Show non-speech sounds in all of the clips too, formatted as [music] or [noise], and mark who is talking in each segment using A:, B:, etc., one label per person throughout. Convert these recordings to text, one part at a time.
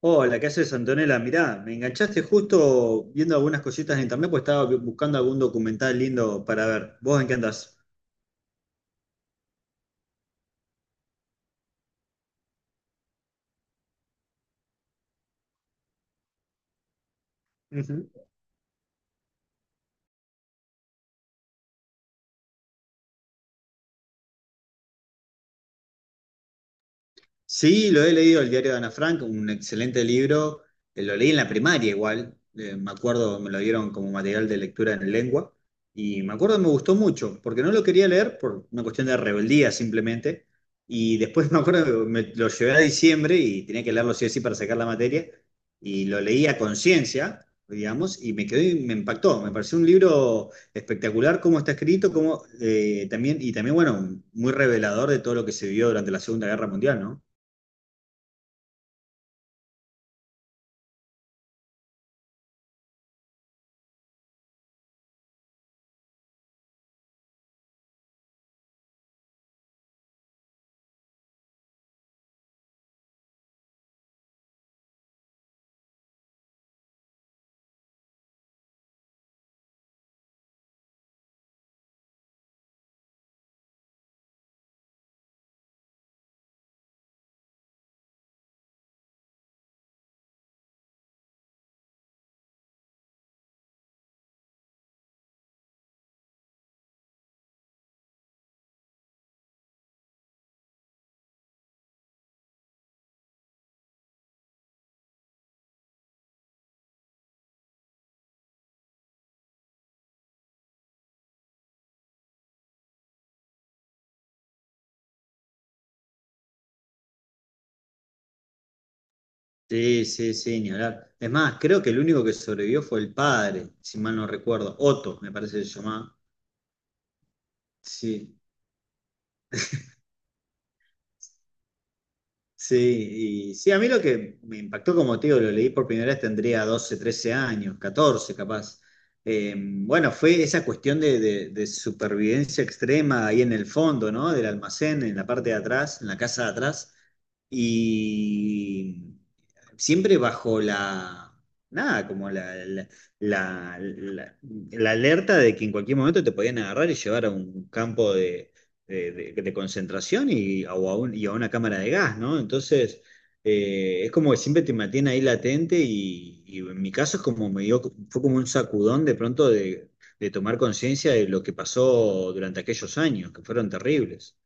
A: Hola, ¿qué haces, Antonella? Mirá, me enganchaste justo viendo algunas cositas en internet, pues estaba buscando algún documental lindo para ver. ¿Vos en qué andás? Sí, lo he leído, el diario de Ana Frank, un excelente libro. Lo leí en la primaria igual, me acuerdo, me lo dieron como material de lectura en lengua y me acuerdo me gustó mucho, porque no lo quería leer por una cuestión de rebeldía simplemente. Y después [laughs] me acuerdo que me lo llevé a diciembre y tenía que leerlo sí o sí para sacar la materia y lo leí a conciencia, digamos, y me quedó, y me impactó. Me pareció un libro espectacular cómo está escrito, cómo, también, y también, bueno, muy revelador de todo lo que se vivió durante la Segunda Guerra Mundial, ¿no? Sí, sí, sí, ni hablar. Es más, creo que el único que sobrevivió fue el padre, si mal no recuerdo. Otto, me parece que se llamaba. Sí. Sí, y sí, a mí lo que me impactó, como te digo, lo leí por primera vez, tendría 12 13 años, 14 capaz. Bueno, fue esa cuestión de, de supervivencia extrema ahí en el fondo, ¿no? Del almacén, en la parte de atrás, en la casa de atrás. Y siempre bajo la, nada, como la- la- la alerta de que en cualquier momento te podían agarrar y llevar a un campo de de concentración y a, o a y a una cámara de gas, ¿no? Entonces, es como que siempre te mantiene ahí latente y en mi caso es como me dio, fue como un sacudón de pronto de tomar conciencia de lo que pasó durante aquellos años, que fueron terribles.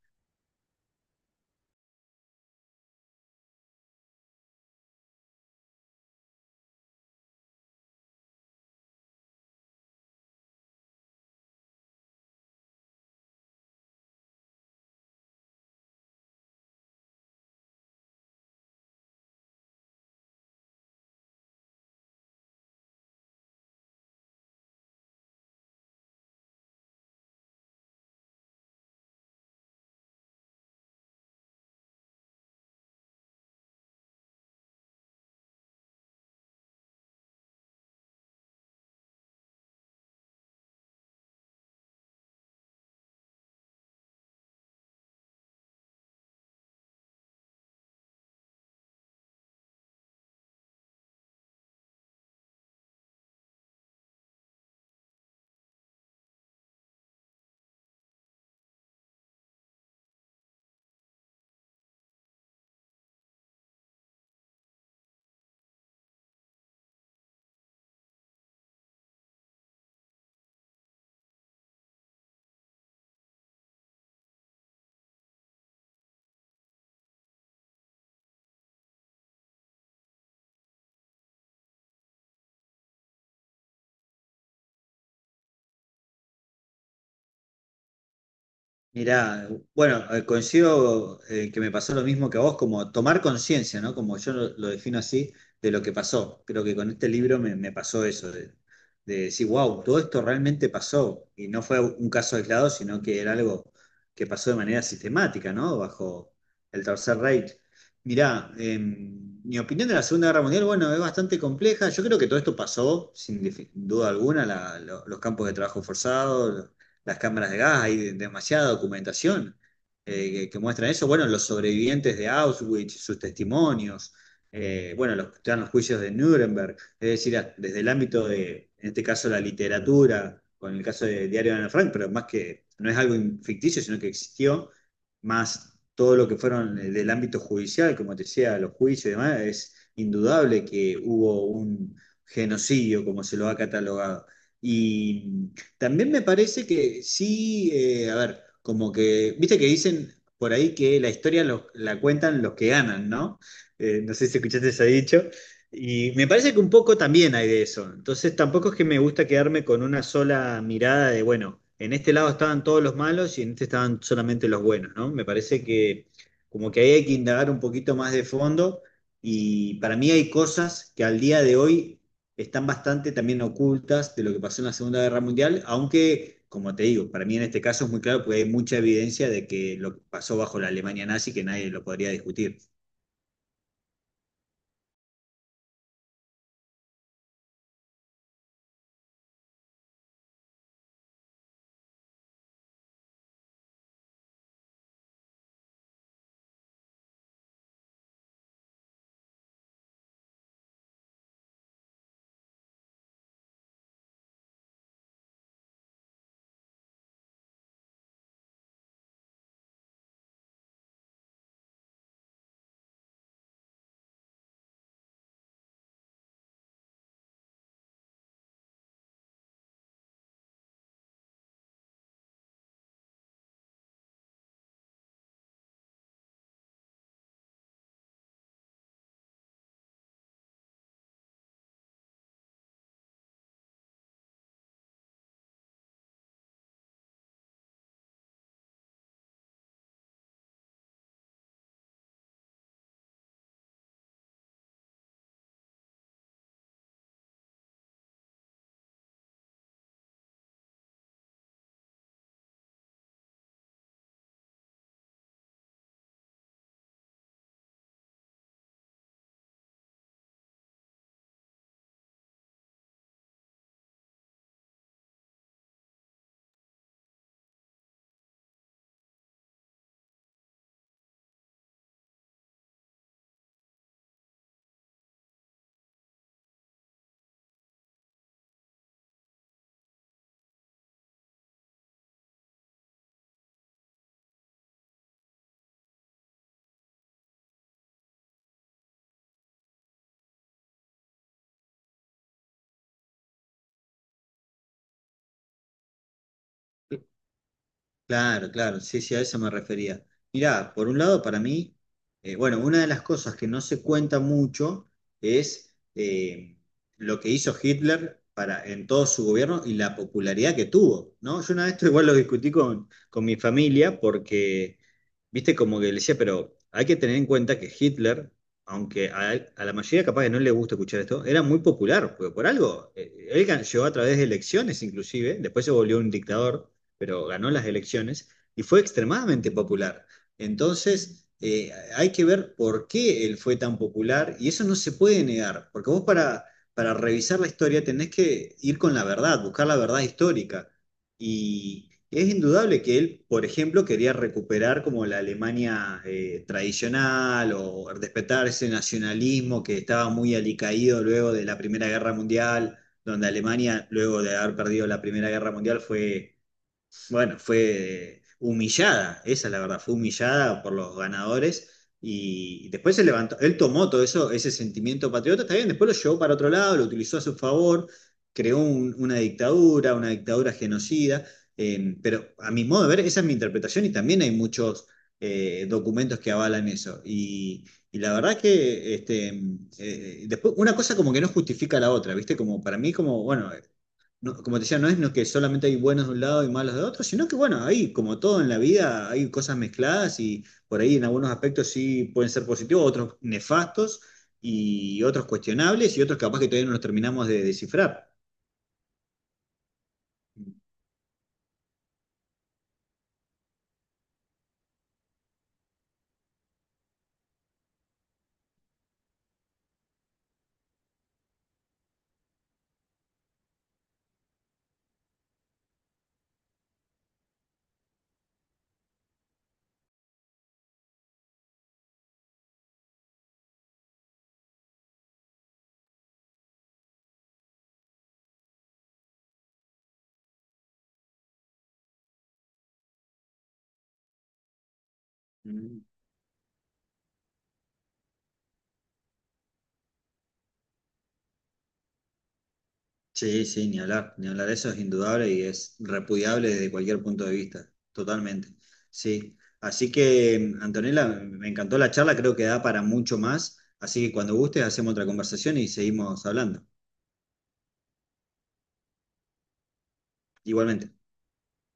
A: Mirá, bueno, coincido que me pasó lo mismo que a vos, como tomar conciencia, ¿no? Como yo lo defino así, de lo que pasó. Creo que con este libro me, me pasó eso, de decir, wow, todo esto realmente pasó. Y no fue un caso aislado, sino que era algo que pasó de manera sistemática, ¿no? Bajo el Tercer Reich. Mirá, mi opinión de la Segunda Guerra Mundial, bueno, es bastante compleja. Yo creo que todo esto pasó, sin duda alguna, los campos de trabajo forzados, las cámaras de gas, hay demasiada documentación que muestra eso. Bueno, los sobrevivientes de Auschwitz, sus testimonios, bueno, los, están los juicios de Nuremberg, es decir, desde el ámbito de, en este caso, la literatura, con el caso del diario de Ana Frank, pero más que no es algo ficticio, sino que existió, más todo lo que fueron del ámbito judicial, como te decía, los juicios y demás, es indudable que hubo un genocidio, como se lo ha catalogado. Y también me parece que sí, a ver, como que, viste que dicen por ahí que la historia la cuentan los que ganan, ¿no? No sé si escuchaste ese dicho. Y me parece que un poco también hay de eso. Entonces tampoco es que me gusta quedarme con una sola mirada de, bueno, en este lado estaban todos los malos y en este estaban solamente los buenos, ¿no? Me parece que como que ahí hay que indagar un poquito más de fondo y para mí hay cosas que al día de hoy están bastante también ocultas de lo que pasó en la Segunda Guerra Mundial, aunque, como te digo, para mí en este caso es muy claro porque hay mucha evidencia de que lo que pasó bajo la Alemania nazi que nadie lo podría discutir. Claro, claro, sí, sí, a eso me refería. Mirá, por un lado, para mí, bueno, una de las cosas que no se cuenta mucho es lo que hizo Hitler para, en todo su gobierno y la popularidad que tuvo, ¿no? Yo una vez esto igual lo discutí con mi familia porque, viste, como que le decía, pero hay que tener en cuenta que Hitler, aunque a la mayoría capaz que no le gusta escuchar esto, era muy popular, porque por algo, él llegó a través de elecciones inclusive, después se volvió un dictador pero ganó las elecciones y fue extremadamente popular. Entonces, hay que ver por qué él fue tan popular y eso no se puede negar, porque vos para revisar la historia tenés que ir con la verdad, buscar la verdad histórica. Y es indudable que él, por ejemplo, quería recuperar como la Alemania tradicional o respetar ese nacionalismo que estaba muy alicaído luego de la Primera Guerra Mundial, donde Alemania, luego de haber perdido la Primera Guerra Mundial, fue bueno, fue humillada, esa es la verdad, fue humillada por los ganadores y después se levantó, él tomó todo eso, ese sentimiento patriota, está bien, después lo llevó para otro lado, lo utilizó a su favor, creó una dictadura genocida, pero a mi modo de ver, esa es mi interpretación y también hay muchos documentos que avalan eso. Y la verdad que este, después, una cosa como que no justifica la otra, ¿viste? Como para mí, como, bueno, como te decía, no es no que solamente hay buenos de un lado y malos de otro, sino que bueno, hay como todo en la vida, hay cosas mezcladas y por ahí en algunos aspectos sí pueden ser positivos, otros nefastos y otros cuestionables y otros capaz que todavía no los terminamos de descifrar. Mm. Sí, sí, ni hablar, ni hablar, eso es indudable y es repudiable desde cualquier punto de vista, totalmente. Sí, así que Antonella, me encantó la charla, creo que da para mucho más, así que cuando gustes hacemos otra conversación y seguimos hablando. Igualmente.